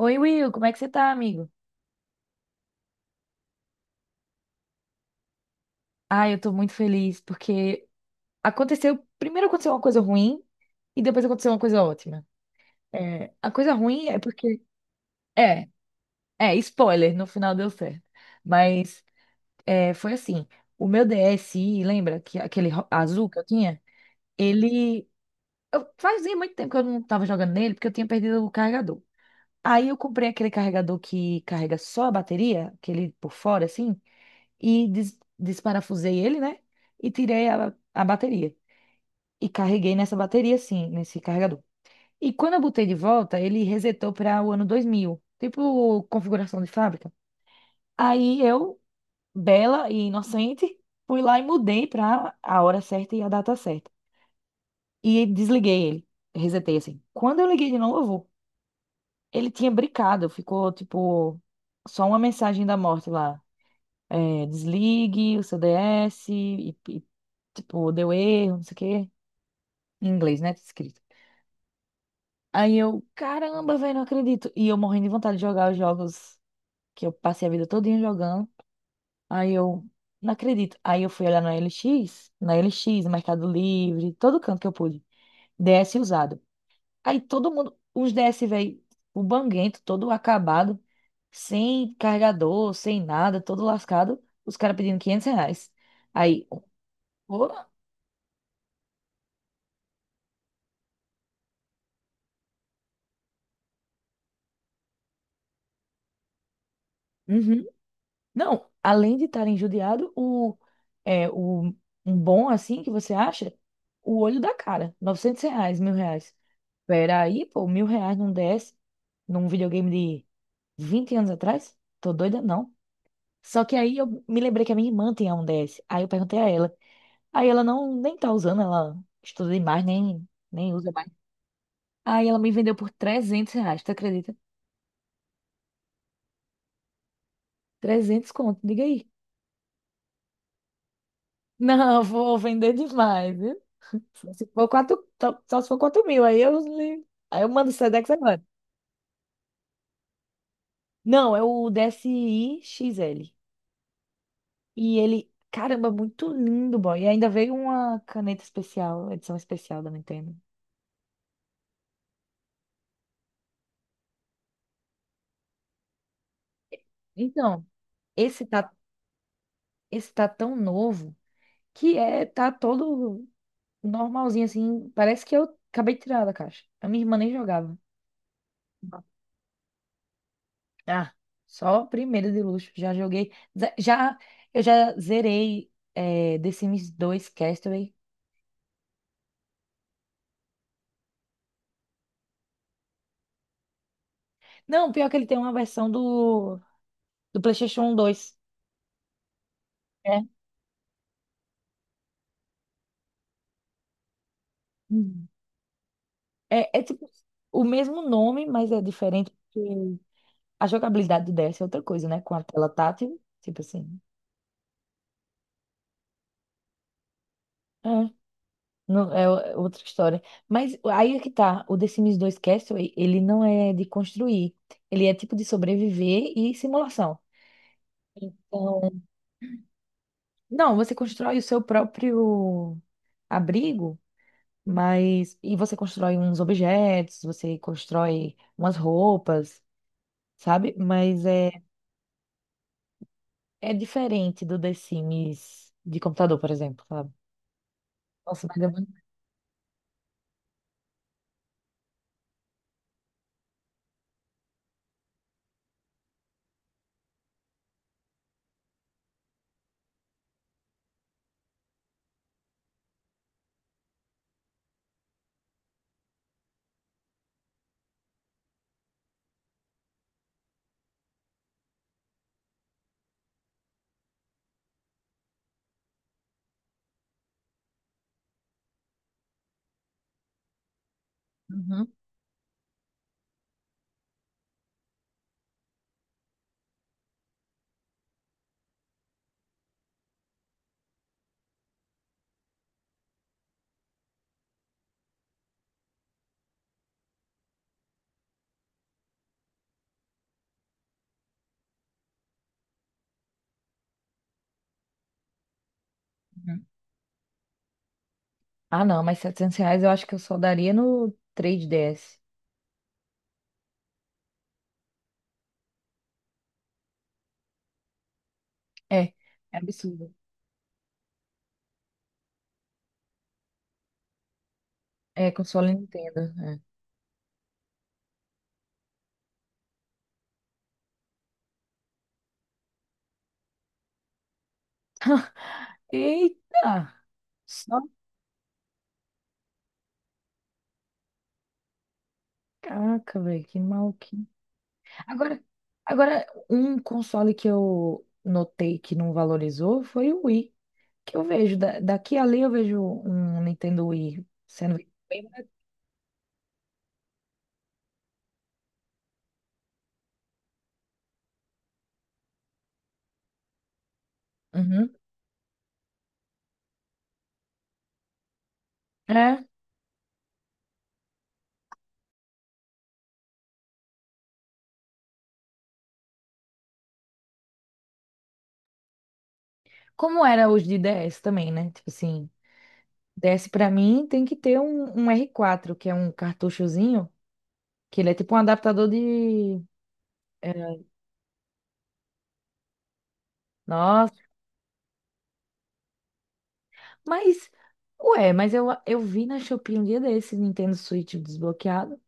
Oi, Will, como é que você tá, amigo? Ah, eu tô muito feliz porque aconteceu. Primeiro aconteceu uma coisa ruim e depois aconteceu uma coisa ótima. É, a coisa ruim é porque. É, é, spoiler, no final deu certo. Mas, foi assim: o meu DSi, lembra que aquele azul que eu tinha? Ele. Fazia muito tempo que eu não tava jogando nele porque eu tinha perdido o carregador. Aí eu comprei aquele carregador que carrega só a bateria, aquele por fora, assim, e desparafusei ele, né? E tirei a bateria. E carreguei nessa bateria, assim, nesse carregador. E quando eu botei de volta, ele resetou para o ano 2000, tipo configuração de fábrica. Aí eu, bela e inocente, fui lá e mudei para a hora certa e a data certa. E desliguei ele, resetei assim. Quando eu liguei de novo, ele tinha brincado, ficou tipo só uma mensagem da morte lá. Desligue o seu DS e, tipo, deu erro, não sei o quê. Em inglês, né? Tá escrito. Aí eu, caramba, velho, não acredito. E eu morrendo de vontade de jogar os jogos que eu passei a vida todinha jogando. Aí eu, não acredito. Aí eu fui olhar na LX, no Mercado Livre, todo canto que eu pude. DS usado. Aí todo mundo, os DS, velho, o banguento, todo acabado, sem carregador, sem nada, todo lascado. Os caras pedindo R$ 500. Aí, pô, uhum. Não, além de estar injuriado, é, o, um bom assim que você acha, o olho da cara, R$ 900, R$ 1.000. Pera aí, pô, R$ 1.000 não desce num videogame de 20 anos atrás? Tô doida, não. Só que aí eu me lembrei que a minha irmã tinha um DS. Aí eu perguntei a ela. Aí ela não nem tá usando, ela estuda demais, nem usa mais. Aí ela me vendeu por R$ 300, tu acredita? 300 conto, diga aí. Não, vou vender demais. Se for quatro, só se for 4 mil, aí eu, aí eu mando o Sedex agora. Não, é o DSI-XL. E ele, caramba, muito lindo, boy. E ainda veio uma caneta especial, edição especial da Nintendo. Então, esse tá, esse tá tão novo que tá todo normalzinho, assim. Parece que eu acabei de tirar da caixa. A minha irmã nem jogava. Ah, só primeiro de luxo. Já joguei. ze- Já, eu já zerei The Sims 2 Castaway. Não, pior que ele tem uma versão do PlayStation 2. É. Uhum. É, tipo o mesmo nome, mas é diferente porque a jogabilidade do DS é outra coisa, né? Com a tela tátil, tipo assim. É, não, é outra história. Mas aí é que tá, o The Sims 2 Castaway, ele não é de construir, ele é tipo de sobreviver e simulação. Então, não, você constrói o seu próprio abrigo. Mas. E você constrói uns objetos, você constrói umas roupas, sabe? Mas é, é diferente do The Sims de computador, por exemplo, sabe? Nossa, mas é muito. Uhum, uhum. Ah, não, mas R$ 700 eu acho que eu só daria no 3DS. É, é absurdo. É, console Nintendo. É. Eita! Só caca, velho, que maluquinho. Agora, agora, um console que eu notei que não valorizou foi o Wii, que eu vejo, daqui a ali eu vejo um Nintendo Wii sendo. Bem barato. Uhum. É. Como era os de DS também, né? Tipo assim, DS pra mim tem que ter um R4, que é um cartuchozinho, que ele é tipo um adaptador de. é, Nossa, mas. Ué, mas eu vi na Shopee um dia desse Nintendo Switch desbloqueado.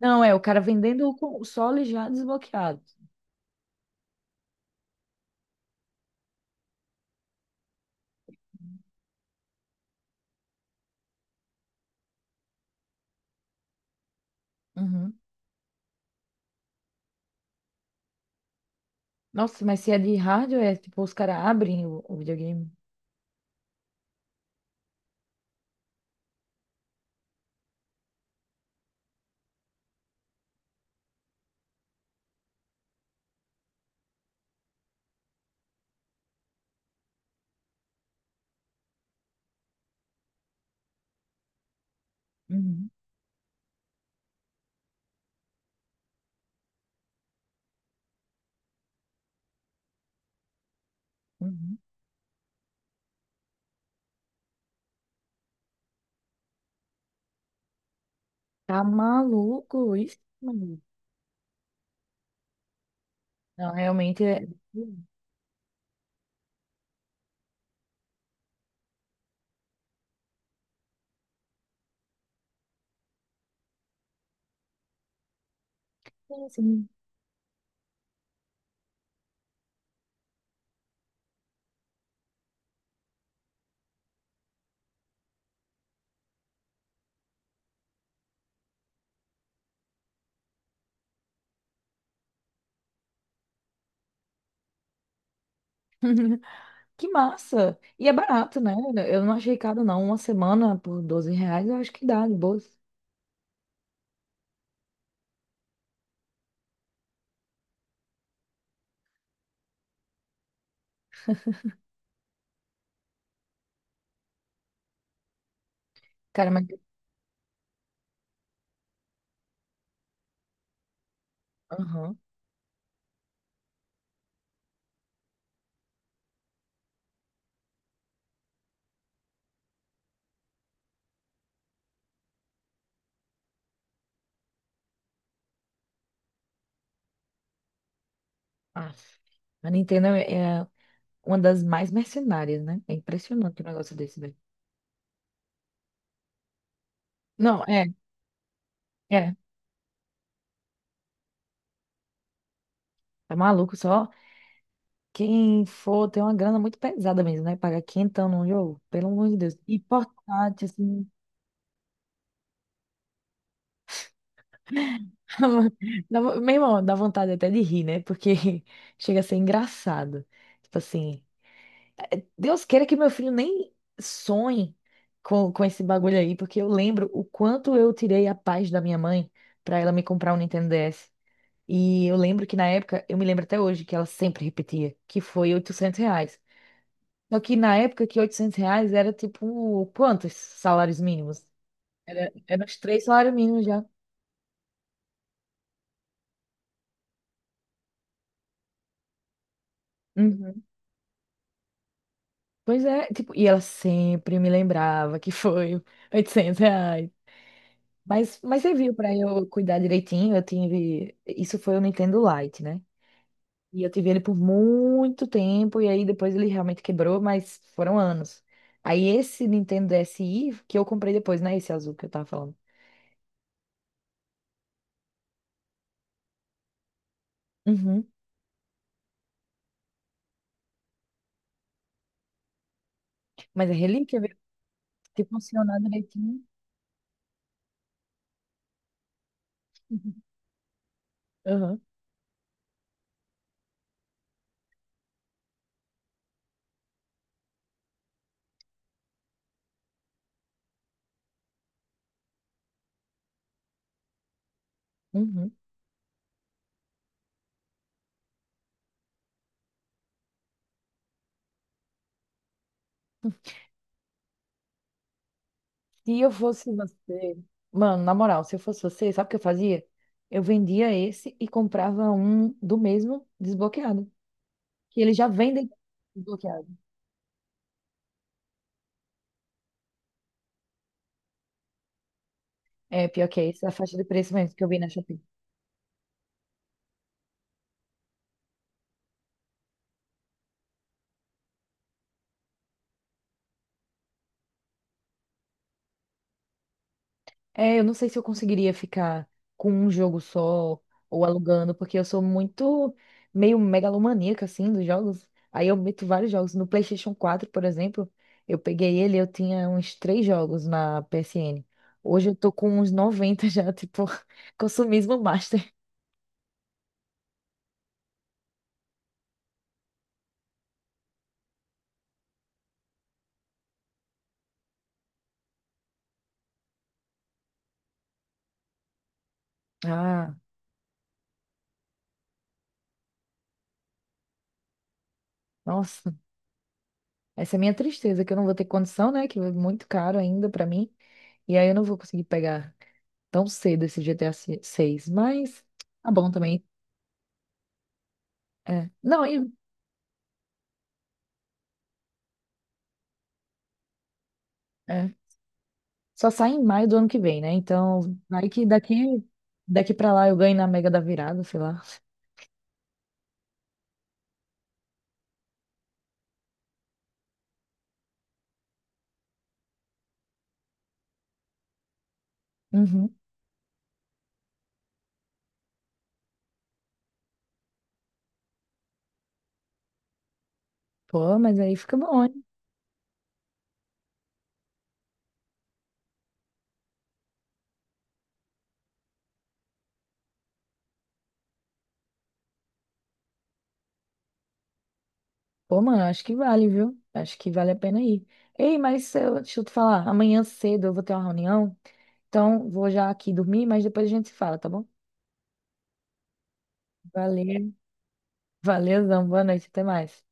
Não, é o cara vendendo o console já desbloqueado. Uhum. Nossa, mas se é de hardware, tipo, os caras abrem o videogame. Uhum. Uhum. Tá maluco isso, mano? Não, realmente é. Sim, sim. Que massa! E é barato, né? Eu não achei caro, não. Uma semana por R$ 12, eu acho que dá, de boas. Cara, mas. Aham. Ah, a Nintendo é uma das mais mercenárias, né? É impressionante o negócio desse, velho. Não, é, é. Tá maluco, só quem for tem uma grana muito pesada mesmo, né? Pagar quinhentão num jogo, pelo amor de Deus. E portátil, assim. Meu irmão, dá vontade até de rir, né? Porque chega a ser engraçado. Tipo assim, Deus queira que meu filho nem sonhe com esse bagulho aí, porque eu lembro o quanto eu tirei a paz da minha mãe pra ela me comprar um Nintendo DS. E eu lembro que na época, eu me lembro até hoje que ela sempre repetia, que foi R$ 800. Só que na época que R$ 800 era tipo, quantos salários mínimos? Era, era uns 3 salários mínimos já. Uhum. Pois é, tipo, e ela sempre me lembrava que foi R$ 800. Mas serviu para eu cuidar direitinho. Eu tive. Isso foi o Nintendo Lite, né? E eu tive ele por muito tempo. E aí depois ele realmente quebrou, mas foram anos. Aí esse Nintendo DSi que eu comprei depois, né? Esse azul que eu tava falando. Uhum. Mas é relíquia, viu? Se funcionar direitinho. Uhum. Uhum. Se eu fosse você, mano, na moral, se eu fosse você, sabe o que eu fazia? Eu vendia esse e comprava um do mesmo desbloqueado, que eles já vendem desbloqueado. É, pior que é essa faixa de preço mesmo que eu vi na Shopee. É, eu não sei se eu conseguiria ficar com um jogo só ou alugando, porque eu sou muito meio megalomaníaca assim dos jogos. Aí eu meto vários jogos. No PlayStation 4 por exemplo, eu peguei ele, eu tinha uns 3 jogos na PSN. Hoje eu tô com uns 90 já, tipo, consumismo master. Ah, nossa. Essa é a minha tristeza, que eu não vou ter condição, né? Que é muito caro ainda pra mim. E aí eu não vou conseguir pegar tão cedo esse GTA 6. Mas tá bom também. É. Não, e É. Só sai em maio do ano que vem, né? Então, vai que daqui, daqui pra lá eu ganho na Mega da Virada, sei lá. Uhum. Pô, mas aí fica bom, hein? Pô, mano, acho que vale, viu? Acho que vale a pena ir. Ei, mas se eu, deixa eu te falar, amanhã cedo eu vou ter uma reunião, então vou já aqui dormir, mas depois a gente se fala, tá bom? Valeu, valeu, boa noite, até mais.